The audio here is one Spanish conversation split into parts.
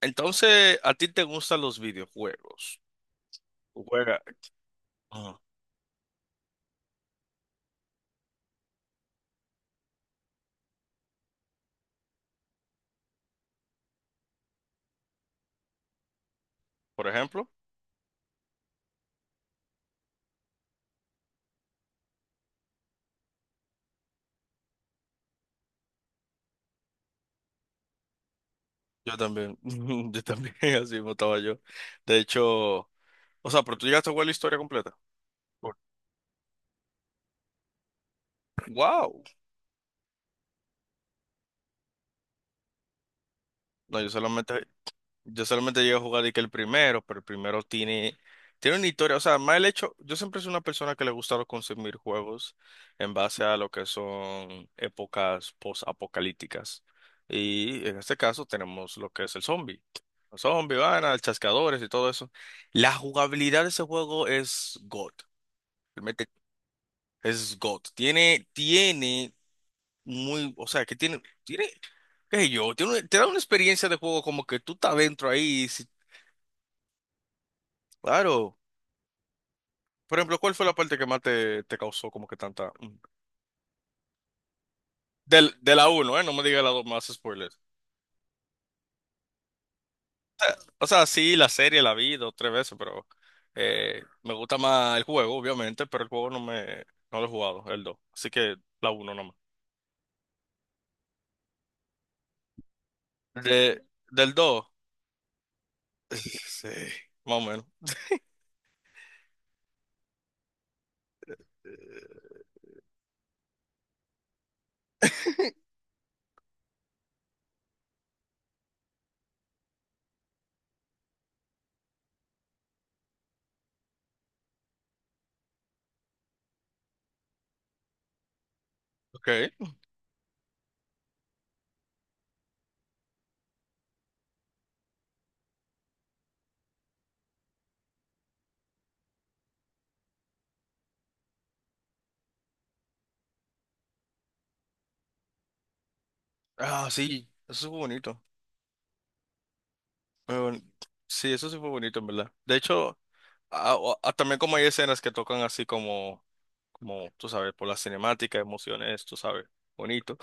Entonces, ¿a ti te gustan los videojuegos? Juega. Ajá. Por ejemplo, yo también. Yo también, así mismo estaba yo. De hecho, o sea, pero tú llegaste a jugar la historia completa. Por- ¡Wow! No, yo solamente. Yo solamente llego a jugar y que el primero, pero el primero tiene, tiene una historia. O sea, más el hecho, yo siempre soy una persona que le gusta consumir juegos en base a lo que son épocas post-apocalípticas. Y en este caso tenemos lo que es el zombie. Los zombies, van a chascadores y todo eso. La jugabilidad de ese juego es God. Realmente es God. Tiene muy, o sea, que tiene, qué sé yo, tiene, te da una experiencia de juego como que tú estás dentro ahí. Claro. Por ejemplo, ¿cuál fue la parte que más te causó como que tanta mm? ¿De la uno? ¿Eh? No me digas la dos, más spoilers. O sea, sí, la serie la vi dos, tres veces, pero me gusta más el juego, obviamente, pero el juego no me. No lo he jugado el dos, así que la 1 nomás. De, del 2, sí, más o menos. Eh, ok. Ah, sí, eso fue bonito. Muy boni- Sí, eso sí fue bonito, en verdad. De hecho, ah, también como hay escenas que tocan así como, tú sabes, por la cinemática, emociones, tú sabes, bonito.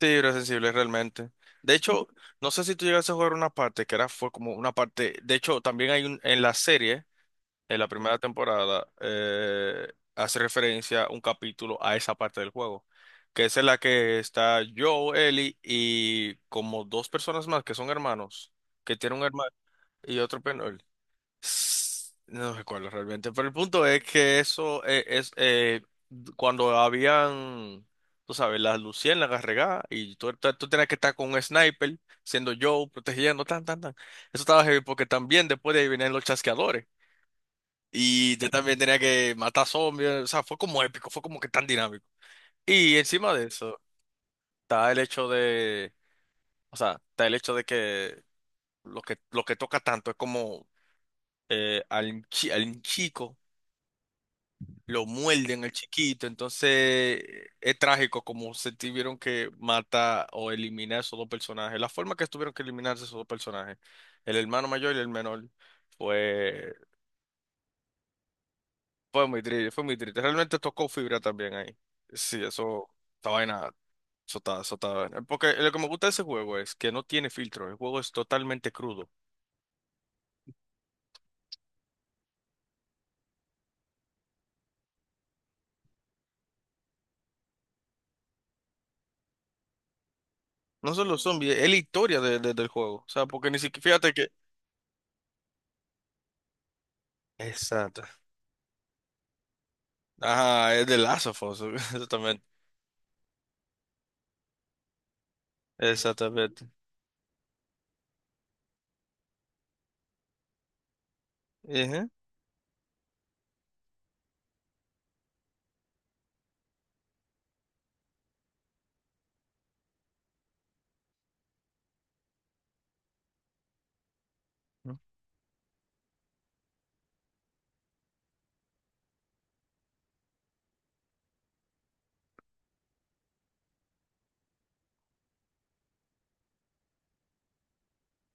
Sí, era sensible realmente. De hecho, no sé si tú llegaste a jugar una parte que era, fue como una parte. De hecho, también hay un, en la serie, en la primera temporada, hace referencia un capítulo a esa parte del juego, que es en la que está Joe, Ellie y como dos personas más que son hermanos, que tiene un hermano y otro penal. No recuerdo realmente, pero el punto es que eso es, cuando habían, tú sabes, las luciérnagas regadas y tú tenías que estar con un sniper, siendo yo, protegiendo, tan, tan, tan. Eso estaba heavy porque también después de ahí venían los chasqueadores y yo también tenía que matar zombies. O sea, fue como épico, fue como que tan dinámico. Y encima de eso está el hecho de, o sea, está el hecho de que lo que, lo que toca tanto es como al chico. Lo muelden al chiquito, entonces es trágico como se tuvieron que matar o eliminar esos dos personajes. La forma que tuvieron que eliminarse esos dos personajes, el hermano mayor y el menor, fue, fue muy triste, fue muy triste. Realmente tocó fibra también ahí. Sí, eso, esta vaina, porque lo que me gusta de ese juego es que no tiene filtro, el juego es totalmente crudo. No son los zombies, es la historia del juego. O sea, porque ni siquiera, fíjate que. Exacto. Ajá, es de Last of Us, exactamente. Exatamente. Uhum.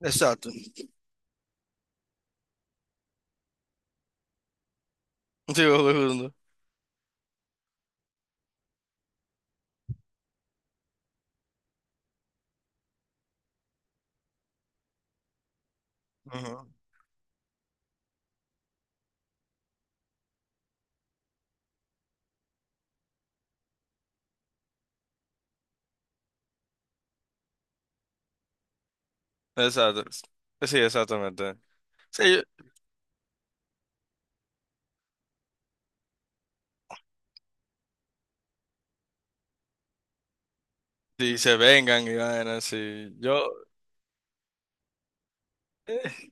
Exato. Digo, Bruno. Ujú, exacto. Sí, exactamente. Sí, y se vengan y vayan, sí. Yo, eh,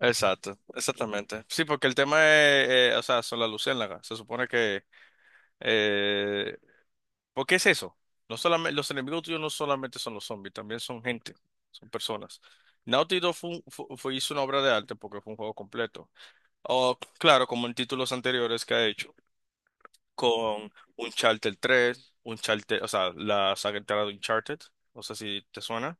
exacto, exactamente. Sí, porque el tema es, o sea, son las luciérnagas. Se supone que. Eh, ¿Por qué es eso? No solamente, los enemigos tuyos no solamente son los zombies, también son gente, son personas. Naughty Dog fue, un- fu- fue- hizo una obra de arte porque fue un juego completo. O, claro, como en títulos anteriores que ha hecho, con Uncharted, o sea, la saga entera de Uncharted, no sé si te suena.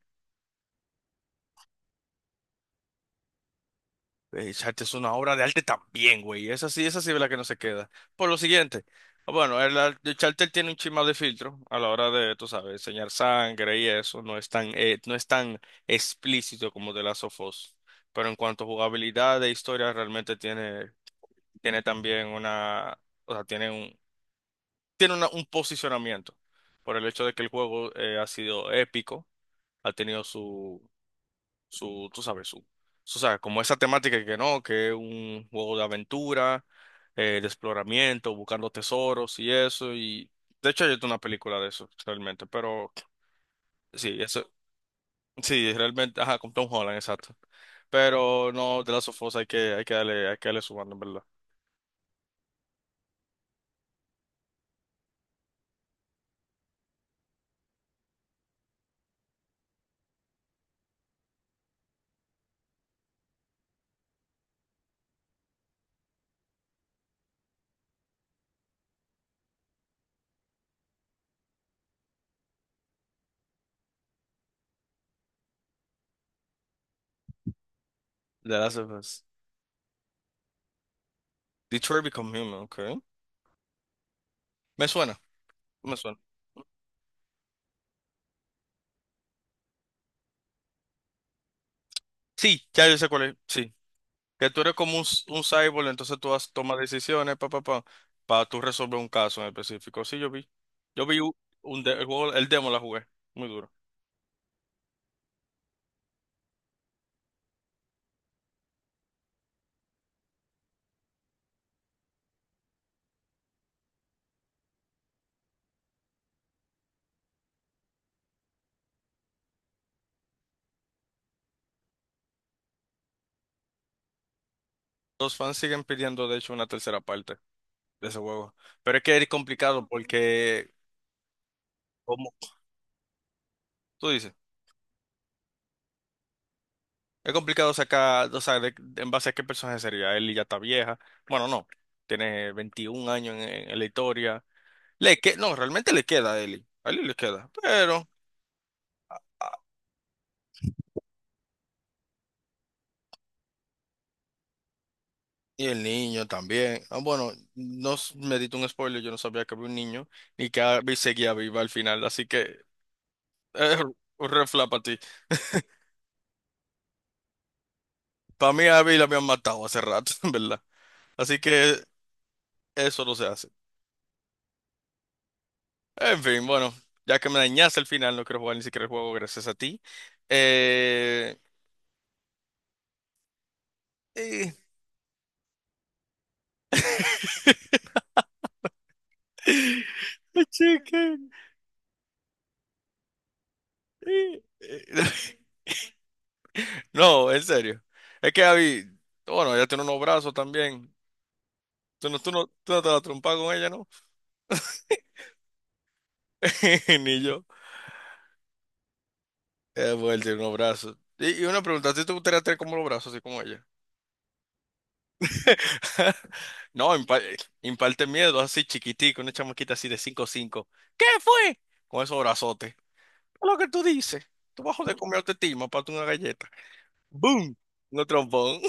Uncharted es una obra de arte también, güey. Esa sí, esa sí es la que no se queda. Por lo siguiente, bueno, Uncharted tiene un chima de filtro a la hora de, tú sabes, enseñar sangre y eso. No es tan, explícito como The Last of Us. Pero en cuanto a jugabilidad e historia, realmente tiene, tiene también una, o sea, tiene un posicionamiento, por el hecho de que el juego, ha sido épico. Ha tenido su, tú sabes, su, o sea, como esa temática que no, que es un juego de aventura, de exploramiento, buscando tesoros y eso. Y de hecho hay una película de eso, realmente, pero sí, eso, sí, realmente, ajá, con Tom Holland, exacto. Pero no, de Last of Us hay que, hay que darle su banda, en ¿verdad? The Last of Us. Detroit Become Human, okay. Me suena, me suena. Sí, ya yo sé cuál es, sí. Que tú eres como un cyborg, entonces tú tomas decisiones, para tú resolver un caso en específico. Sí, yo vi. Yo vi el juego, el demo la jugué, muy duro. Los fans siguen pidiendo, de hecho, una tercera parte de ese juego. Pero es que es complicado porque, como tú dices, es complicado sacar, o sea, en base a qué personaje sería. Ellie ya está vieja. Bueno, no, tiene 21 años en la historia. No, realmente le queda a Ellie. A Ellie le queda, pero. Y el niño también. Ah, bueno, no s- me diste un spoiler, yo no sabía que había un niño y que Abby seguía viva al final, así que eh, un red flag para ti. Para mí a Abby la habían matado hace rato, en verdad. Así que eso no se hace. En fin, bueno, ya que me dañaste el final, no quiero jugar ni siquiera el juego gracias a ti. Eh... eh, chicken, eh, eh. No, en serio. Es que Abby, bueno, ella tiene unos brazos también. Tú no te vas a trompar con ella, ¿no? Ni yo. Es bueno, tiene unos brazos. Y una pregunta, ¿si te gustaría tener como los brazos, así como ella? No, imparte miedo, así chiquitico, una chamaquita así de cinco cinco. ¿Qué fue? Con esos brazotes. ¿Qué? Es lo que tú dices. Tú vas a joder comerte timo, para una galleta. ¡Boom! Un trombón.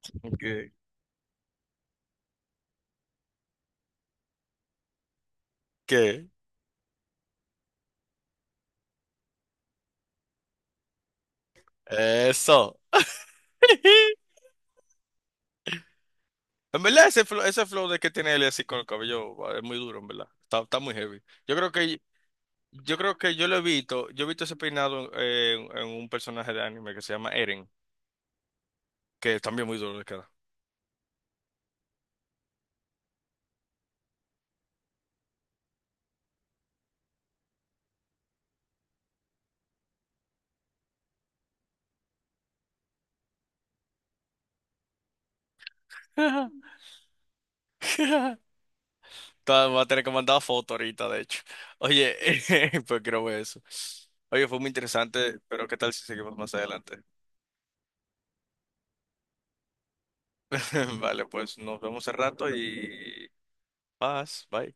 ¿Qué? ¿Qué? Eso. En verdad, ese flow de que tiene él así con el cabello va, es muy duro, en verdad. Está muy heavy. Yo creo que yo he visto ese peinado, en un personaje de anime que se llama Eren, que es también muy duro de cara. Va a tener que mandar foto ahorita, de hecho. Oye, pues creo que eso. Oye, fue muy interesante, pero ¿qué tal si seguimos más adelante? Vale, pues nos vemos al rato y paz, bye.